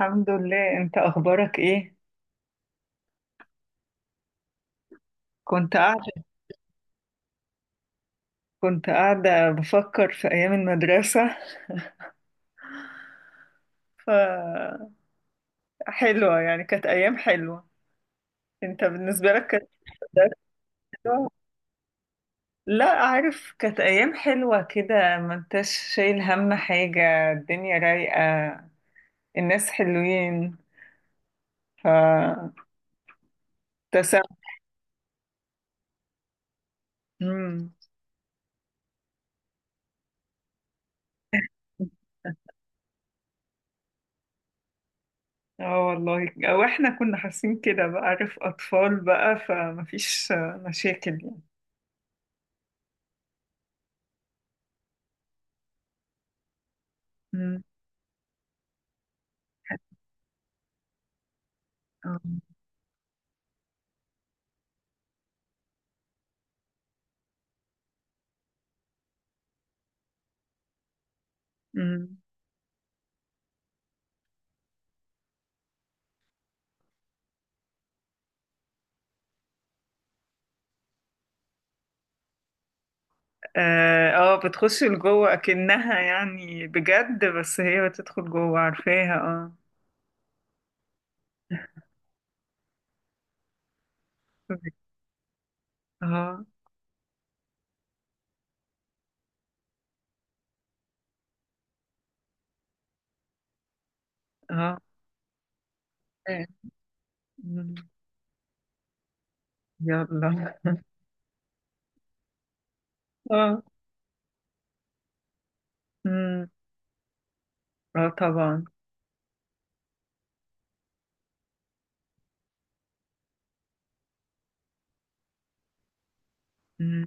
الحمد لله، انت اخبارك ايه؟ كنت قاعده كنت قاعده بفكر في ايام المدرسه. ف حلوه، يعني كانت ايام حلوه. انت بالنسبه لك كانت أيام حلوه. لا، عارف كانت ايام حلوه كده، ما انتش شايل هم حاجه، الدنيا رايقه، الناس حلوين. ف تسامح. مم. اه والله، او احنا كنا حاسين كده بقى، عارف، اطفال بقى فمفيش مشاكل يعني. مم. اه. مم. اه، بتخش لجوه اكنها يعني بجد، بس هي بتدخل جوه، عارفاها، اه. اه اه. آه. مم. يلا. اه. مم. اه، طبعا. مم.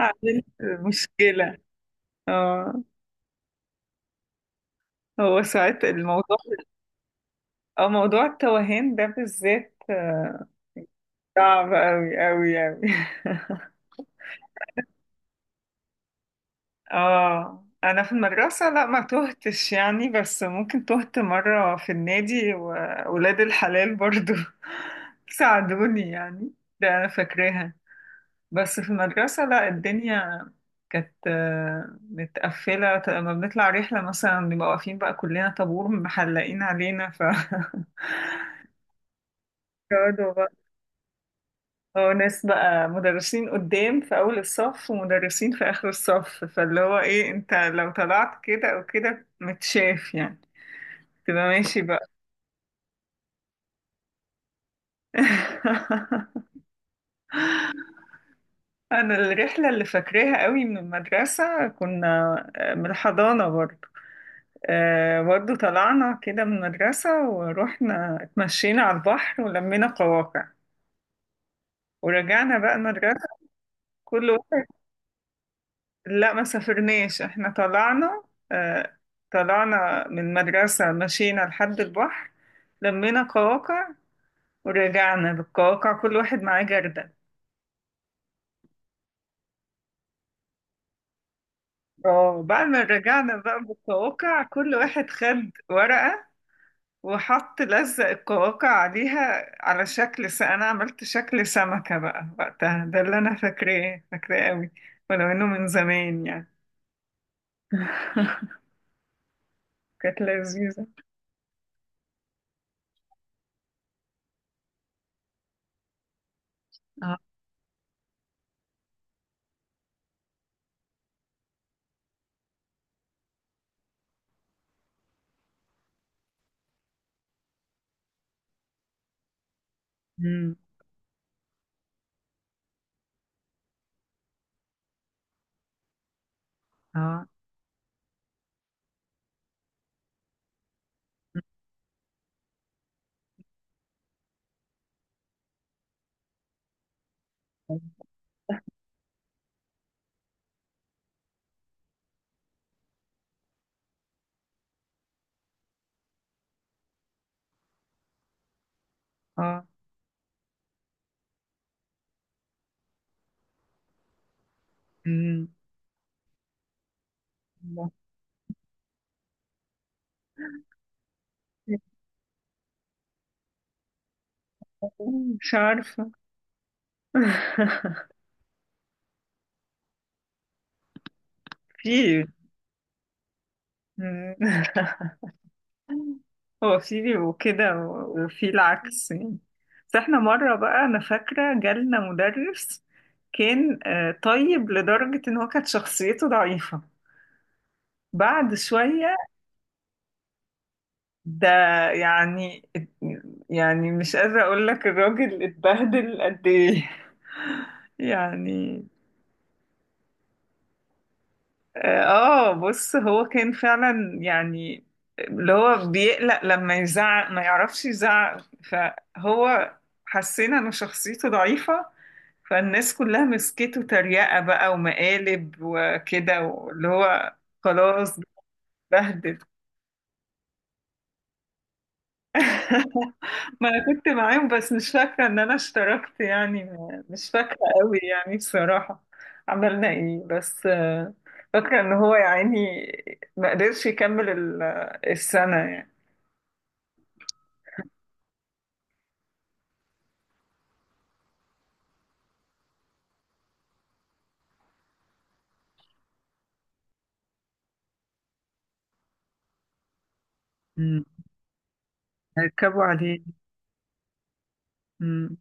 عملت مشكلة. اه. هو ساعات الموضوع، اه موضوع التوهان ده بالذات، صعب اوي اوي اوي. اه، انا في المدرسة لا ما تهتش يعني، بس ممكن تهت مرة في النادي، وولاد الحلال برضو ساعدوني يعني. ده انا فاكراها. بس في المدرسة لا، الدنيا كانت متقفلة، لما بنطلع رحلة مثلا بنبقى واقفين بقى كلنا طابور محلقين علينا. يقعدوا بقى. اه ناس بقى مدرسين قدام في أول الصف، ومدرسين في آخر الصف، فاللي هو ايه، انت لو طلعت كده او كده متشاف يعني، تبقى ماشي بقى. انا الرحله اللي فاكراها قوي من المدرسه، كنا من الحضانه برضه. برضه طلعنا كده من المدرسه، ورحنا اتمشينا على البحر، ولمينا قواقع، ورجعنا بقى المدرسه. كل واحد. لا، ما سافرناش، احنا طلعنا. آه، طلعنا من المدرسه، مشينا لحد البحر، لمينا قواقع، ورجعنا بالقواقع، كل واحد معاه جردل. اه، بعد ما رجعنا بقى بالقواقع كل واحد خد ورقة، وحط لزق القواقع عليها على شكل انا عملت شكل سمكة بقى وقتها، ده اللي انا فاكراه فاكراه قوي، ولو انه من زمان يعني. كانت لذيذة. اه. مم. اه اه. مم. مش عارفة. في. مم. هو في بيبقوا كده وفي العكس يعني. بس احنا مرة بقى أنا فاكرة جالنا مدرس، كان طيب لدرجة إن هو كانت شخصيته ضعيفة بعد شوية. ده، يعني، يعني مش قادرة أقول لك الراجل اتبهدل قد إيه. يعني. اه، بص هو كان فعلا يعني، اللي هو بيقلق لما يزعق ما يعرفش يزعق، فهو حسينا إن شخصيته ضعيفة، فالناس كلها مسكته تريقة بقى ومقالب وكده، واللي هو خلاص بهدل. ما انا كنت معاهم، بس مش فاكرة ان انا اشتركت يعني، مش فاكرة قوي يعني بصراحة. عملنا ايه بس، فاكرة ان هو يعني ما قدرش يكمل السنة يعني. مم. ركبوا عليه. مم.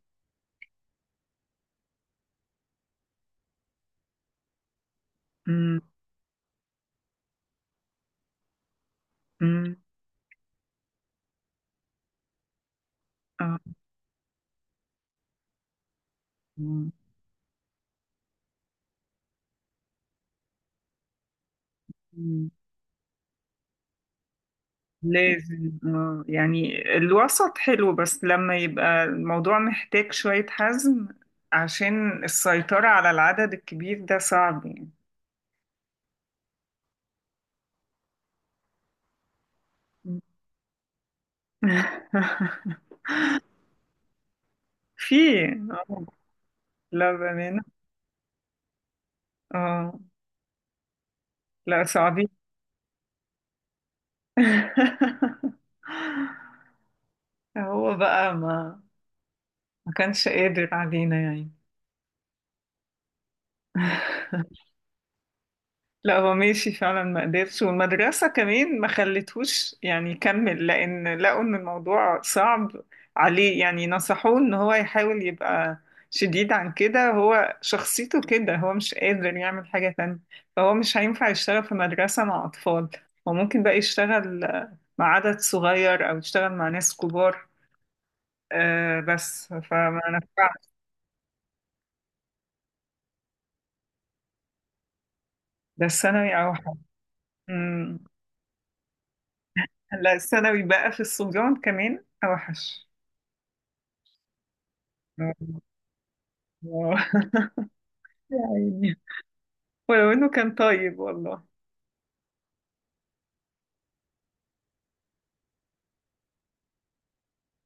مم. مم. آه. مم. لازم يعني الوسط حلو، بس لما يبقى الموضوع محتاج شوية حزم عشان السيطرة على العدد الكبير، ده صعب يعني. في. آه، لا بأمانة. اه. لا صعبين. هو بقى ما كانش قادر علينا يعني. لا، هو ماشي فعلا ما قدرش، والمدرسة كمان ما خلتهوش يعني يكمل، لأن لقوا إن الموضوع صعب عليه، يعني نصحوه إن هو يحاول يبقى شديد. عن كده هو شخصيته كده، هو مش قادر يعمل حاجة تانية، فهو مش هينفع يشتغل في مدرسة مع أطفال. هو ممكن بقى يشتغل مع عدد صغير، أو يشتغل مع ناس كبار، آه، بس فما نفعش. ده الثانوي أوحش. أمم. لا، الثانوي بقى في الصبيان كمان أوحش. آه. يا عيني. ولو انه كان طيب والله.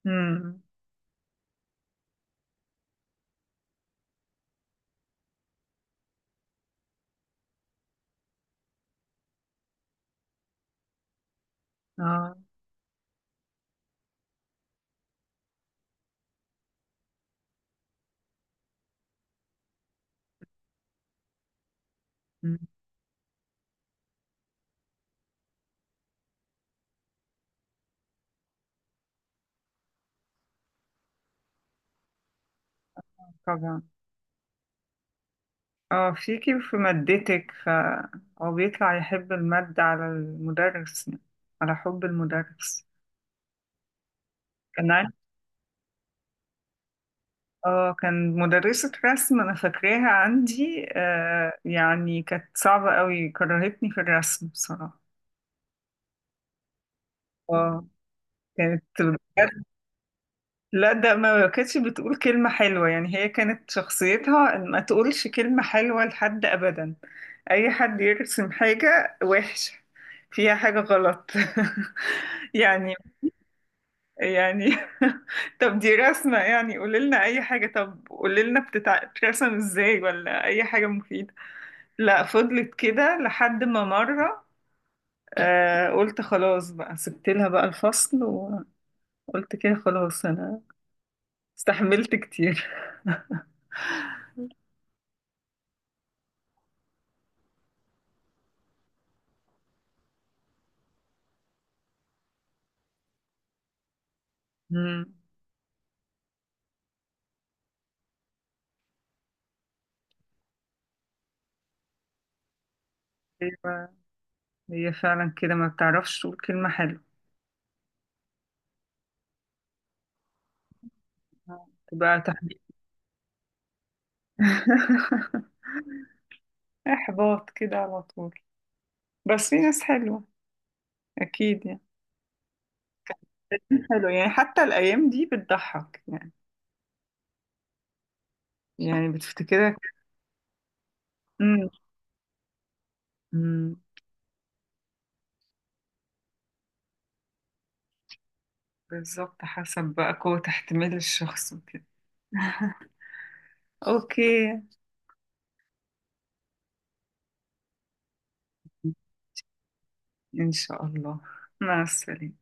امم. اه. مم. طبعا. اه، فيكي وفي مادتك، فهو بيطلع يحب المادة على المدرس يعني، على حب المدرس. كان عن- اه كان مدرسة رسم، انا فاكراها عندي، يعني كانت صعبة قوي، كرهتني في الرسم بصراحة. اه. كانت. لا، ده ما كانتش بتقول كلمة حلوة يعني، هي كانت شخصيتها إن ما تقولش كلمة حلوة لحد أبدا، أي حد يرسم حاجة وحشة فيها حاجة غلط. يعني يعني طب دي رسمة يعني قوليلنا أي حاجة، طب قوليلنا بتترسم إزاي، ولا أي حاجة مفيدة. لا، فضلت كده لحد ما مرة، قلت خلاص بقى، سبت لها بقى الفصل، وقلت كده خلاص، أنا استحملت كتير. مم. أيوة، هي فعلا كده ما بتعرفش تقول كلمة حلوة. تبقى تحبيط. إحباط كده على طول. بس في ناس حلوة أكيد يعني. حلو يعني، حتى الأيام دي بتضحك يعني بتفتكرك. امم. أمم، بالظبط، حسب بقى قوة احتمال الشخص وكده. أوكي. إن شاء الله. مع السلامة.